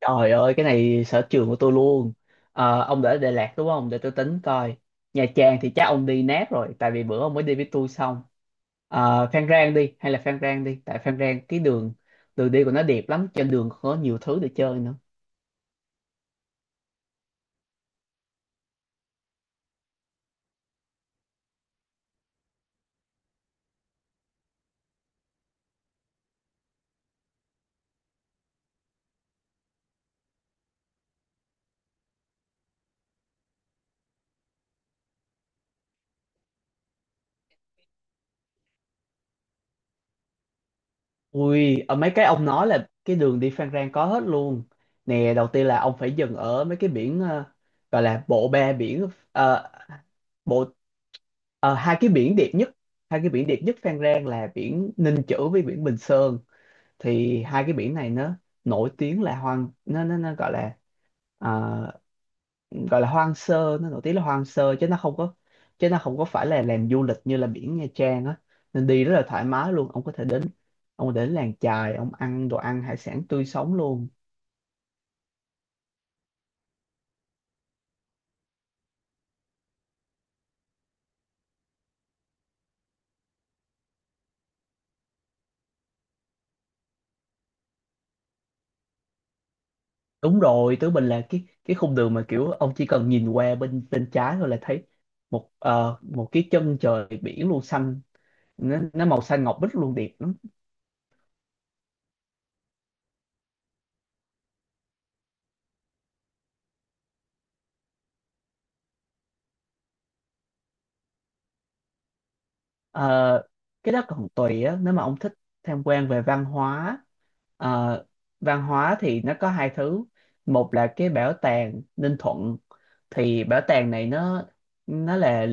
Trời ơi, cái này sở trường của tôi luôn. Ờ, ông đã ở Đà Lạt đúng không? Để tôi tính coi. Nha Trang thì chắc ông đi nát rồi, tại vì bữa ông mới đi với tôi xong. Ờ, Phan Rang đi, hay là Phan Rang đi, tại Phan Rang cái đường đường đi của nó đẹp lắm, trên đường có nhiều thứ để chơi nữa. Ui, ở mấy cái ông nói là cái đường đi Phan Rang có hết luôn. Nè, đầu tiên là ông phải dừng ở mấy cái biển, gọi là bộ ba biển, bộ ờ, hai cái biển đẹp nhất, hai cái biển đẹp nhất Phan Rang là biển Ninh Chữ với biển Bình Sơn. Thì hai cái biển này nó nổi tiếng là hoang nó gọi là ờ, gọi là hoang sơ, nó nổi tiếng là hoang sơ chứ nó không có phải là làm du lịch như là biển Nha Trang á, nên đi rất là thoải mái luôn. Ông có thể đến làng chài, ông ăn đồ ăn hải sản tươi sống luôn. Đúng rồi, Tứ Bình là cái khung đường mà kiểu ông chỉ cần nhìn qua bên bên trái thôi là thấy một một cái chân trời biển luôn, xanh nó màu xanh ngọc bích luôn, đẹp lắm. Ờ, cái đó còn tùy á, nếu mà ông thích tham quan về văn hóa, ờ, văn hóa thì nó có hai thứ. Một là cái bảo tàng Ninh Thuận, thì bảo tàng này nó là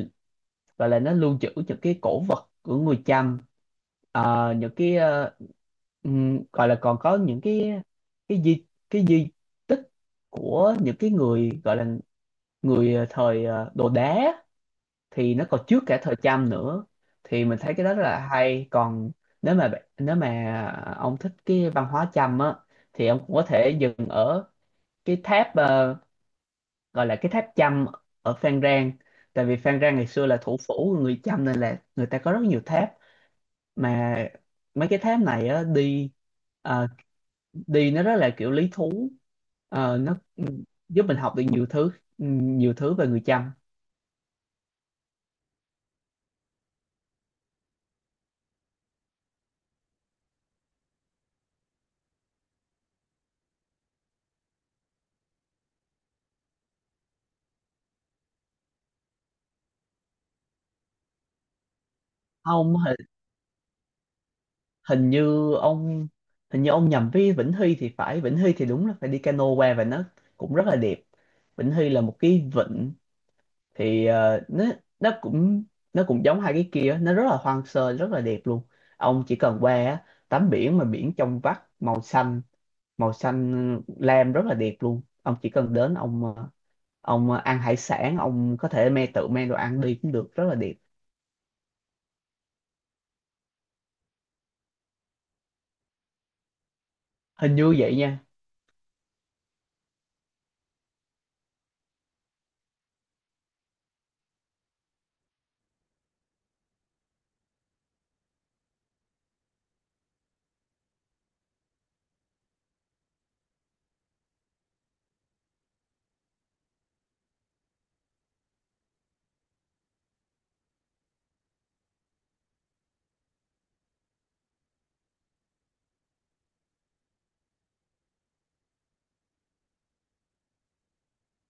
gọi là nó lưu trữ những cái cổ vật của người Chăm. Những cái gọi là, còn có những cái di tích của những cái người gọi là người thời đồ đá, thì nó còn trước cả thời Trump nữa. Thì mình thấy cái đó rất là hay. Còn nếu mà ông thích cái văn hóa Trump á, thì ông cũng có thể dừng ở cái tháp, gọi là cái tháp Chăm ở Phan Rang, tại vì Phan Rang ngày xưa là thủ phủ của người Chăm nên là người ta có rất nhiều tháp. Mà mấy cái tháp này á, đi, ờ, đi nó rất là kiểu lý thú. Nó giúp mình học được nhiều thứ về người Chăm. Không, hình như ông hình như ông nhầm với Vĩnh Hy thì phải. Vĩnh Hy thì đúng là phải đi cano qua, và nó cũng rất là đẹp. Vĩnh Hy là một cái vịnh, thì nó cũng nó cũng giống hai cái kia, nó rất là hoang sơ, rất là đẹp luôn. Ông chỉ cần qua á, tắm biển mà biển trong vắt, màu xanh lam, rất là đẹp luôn. Ông chỉ cần đến, ông ông ăn hải sản, ông có thể me, tự me đồ ăn đi cũng được, rất là đẹp. Hình như vậy nha.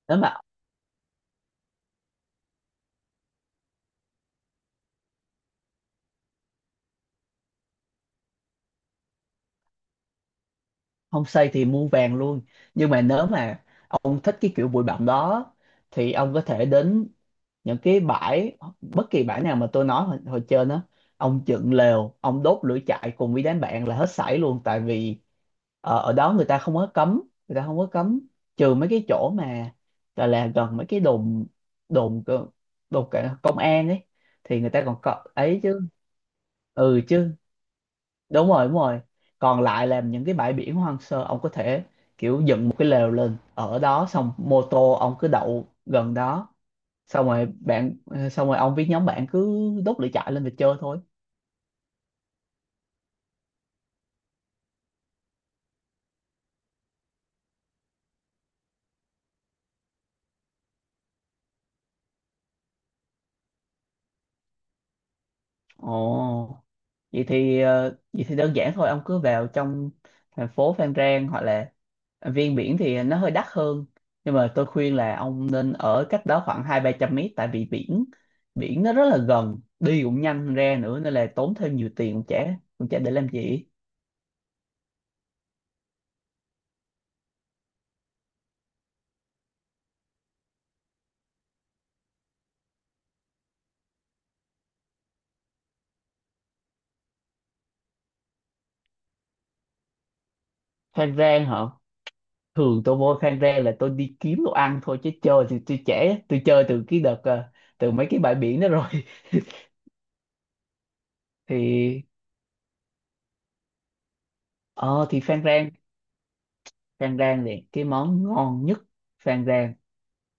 Nếu mà không xây thì mua vàng luôn, nhưng mà nếu mà ông thích cái kiểu bụi bặm đó, thì ông có thể đến những cái bãi, bất kỳ bãi nào mà tôi nói hồi trên á, ông dựng lều, ông đốt lửa trại cùng với đám bạn là hết sảy luôn. Tại vì ở đó người ta không có cấm, người ta không có cấm trừ mấy cái chỗ mà gọi là gần mấy cái đồn, đồn cơ- đồn cả công an ấy, thì người ta còn có ấy chứ. Ừ chứ. Đúng rồi, đúng rồi. Còn lại là những cái bãi biển hoang sơ, ông có thể kiểu dựng một cái lều lên ở đó, xong mô tô ông cứ đậu gần đó, xong rồi bạn xong rồi ông với nhóm bạn cứ đốt lửa trại lên và chơi thôi. Ồ, vậy thì đơn giản thôi, ông cứ vào trong thành phố Phan Rang, hoặc là Viên Biển thì nó hơi đắt hơn, nhưng mà tôi khuyên là ông nên ở cách đó khoảng hai ba trăm mét, tại vì biển, nó rất là gần, đi cũng nhanh ra nữa, nên là tốn thêm nhiều tiền cũng chả, để làm gì. Khang Rang hả? Thường tôi vô Khang Rang là tôi đi kiếm đồ ăn thôi, chứ chơi thì tôi trễ, tôi chơi từ cái đợt từ mấy cái bãi biển đó rồi. Thì Phan Rang, thì cái món ngon nhất Phan Rang,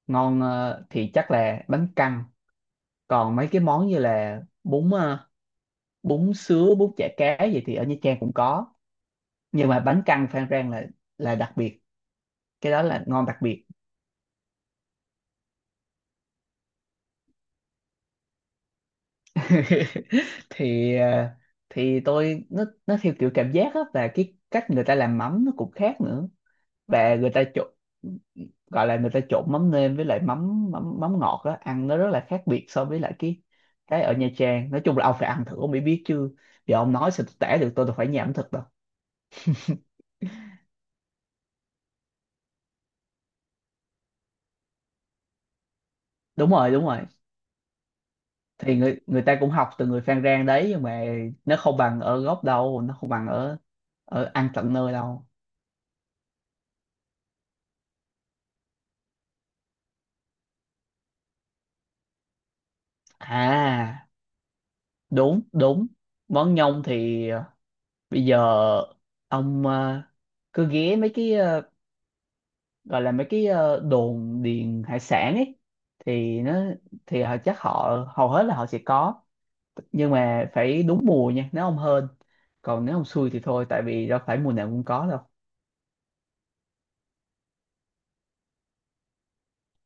ngon, thì chắc là bánh căn. Còn mấy cái món như là bún, bún sứa, bún chả cá gì thì ở Nha Trang cũng có, nhưng mà bánh căn Phan Rang là đặc biệt, cái đó là ngon đặc biệt. Thì thì tôi, nó theo kiểu cảm giác á, và cái cách người ta làm mắm nó cũng khác nữa, và người ta trộn gọi là người ta trộn mắm nêm với lại mắm mắm mắm ngọt á, ăn nó rất là khác biệt so với lại cái ở Nha Trang. Nói chung là ông phải ăn thử ông mới biết chứ, giờ ông nói sao tôi tả được, tôi đâu phải nhà ẩm thực đâu. Đúng rồi, đúng rồi, thì người người ta cũng học từ người Phan Rang đấy, nhưng mà nó không bằng ở gốc đâu, nó không bằng ở ở ăn tận nơi đâu. À, đúng, đúng, món nhông thì bây giờ ông cứ ghé mấy cái, gọi là mấy cái đồn điền hải sản ấy, thì nó thì họ chắc, họ hầu hết là họ sẽ có, nhưng mà phải đúng mùa nha, nếu ông hên, còn nếu ông xui thì thôi, tại vì đâu phải mùa nào cũng có đâu.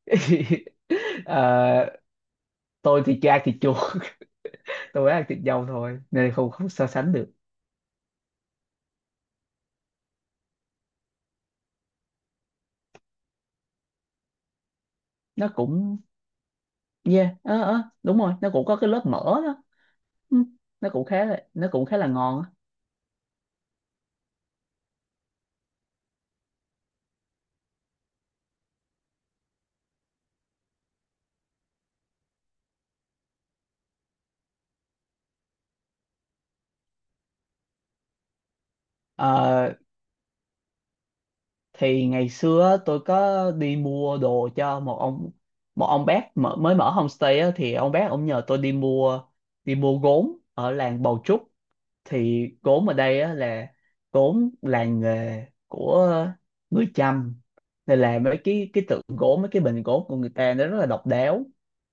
Ờ, tôi thì chưa ăn thịt chuột tôi ăn thịt dâu thôi, nên không không so sánh được. Nó cũng, yeah, đúng rồi, nó cũng có cái lớp mỡ đó. Ừ, nó cũng khá là ngon á. Ờ, thì ngày xưa á, tôi có đi mua đồ cho một ông, bác, mới mở homestay á, thì ông bác ông nhờ tôi đi mua, gốm ở làng Bầu Trúc. Thì gốm ở đây á, là gốm làng nghề của người Chăm, nên là mấy cái tượng gốm, mấy cái bình gốm của người ta nó rất là độc đáo.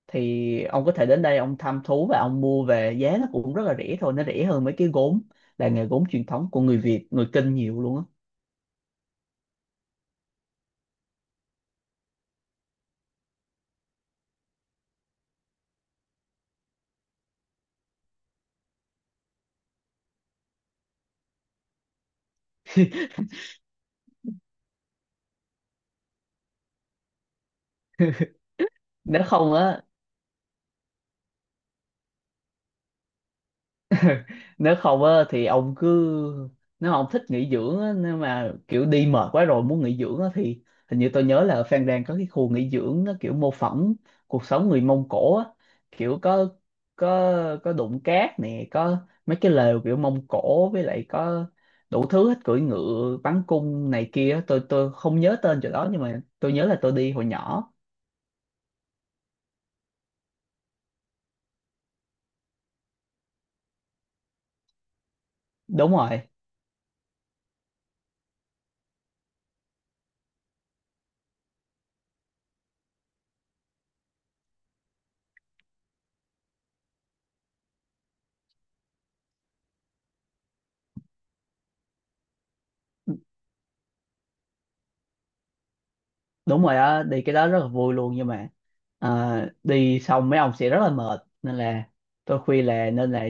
Thì ông có thể đến đây ông thăm thú và ông mua về, giá nó cũng rất là rẻ thôi, nó rẻ hơn mấy cái gốm làng nghề gốm truyền thống của người Việt, người Kinh, nhiều luôn á. nếu không á Nếu không á thì ông cứ, nếu mà ông thích nghỉ dưỡng á, nếu mà kiểu đi mệt quá rồi muốn nghỉ dưỡng á, thì hình như tôi nhớ là ở Phan Rang có cái khu nghỉ dưỡng nó kiểu mô phỏng cuộc sống người Mông Cổ á, kiểu có, có đụng cát nè, có mấy cái lều kiểu Mông Cổ, với lại có đủ thứ hết, cưỡi ngựa, bắn cung này kia á. Tôi không nhớ tên chỗ đó, nhưng mà tôi nhớ là tôi đi hồi nhỏ. Đúng rồi, đúng rồi đó, đi cái đó rất là vui luôn, nhưng mà à, đi xong mấy ông sẽ rất là mệt, nên là tôi khuyên là nên là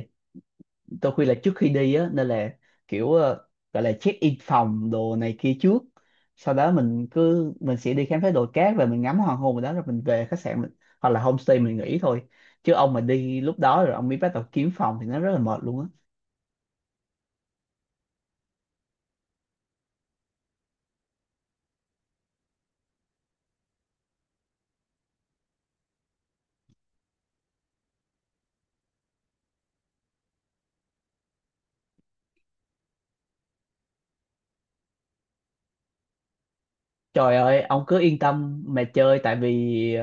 tôi khuyên là trước khi đi á, nên là kiểu, gọi là check in phòng đồ này kia trước, sau đó mình cứ, sẽ đi khám phá đồi cát và mình ngắm hoàng hôn ở đó, rồi mình về khách sạn mình, hoặc là homestay mình nghỉ thôi, chứ ông mà đi lúc đó rồi ông mới bắt đầu kiếm phòng thì nó rất là mệt luôn á. Trời ơi, ông cứ yên tâm mà chơi, tại vì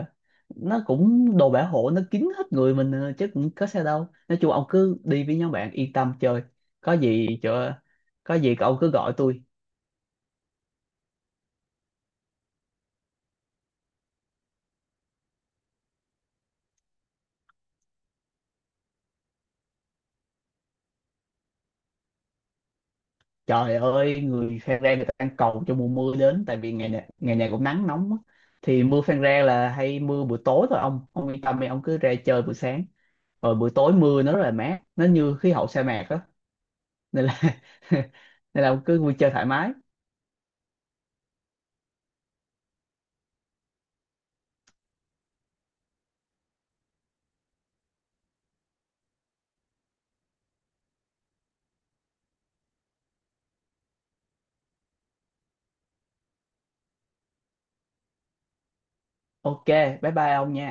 nó cũng đồ bảo hộ nó kín hết người mình à, chứ cũng có sao đâu, nói chung ông cứ đi với nhóm bạn yên tâm chơi, có gì cho có gì cậu cứ gọi tôi. Trời ơi, người Phan Rang người ta đang cầu cho mùa mưa đến, tại vì ngày này cũng nắng nóng á. Thì mưa Phan Rang là hay mưa buổi tối thôi, ông, yên tâm đi, ông cứ ra chơi buổi sáng, rồi buổi tối mưa nó rất là mát, nó như khí hậu sa mạc á, nên là nên là ông cứ vui chơi thoải mái. Ok, bye bye ông nha.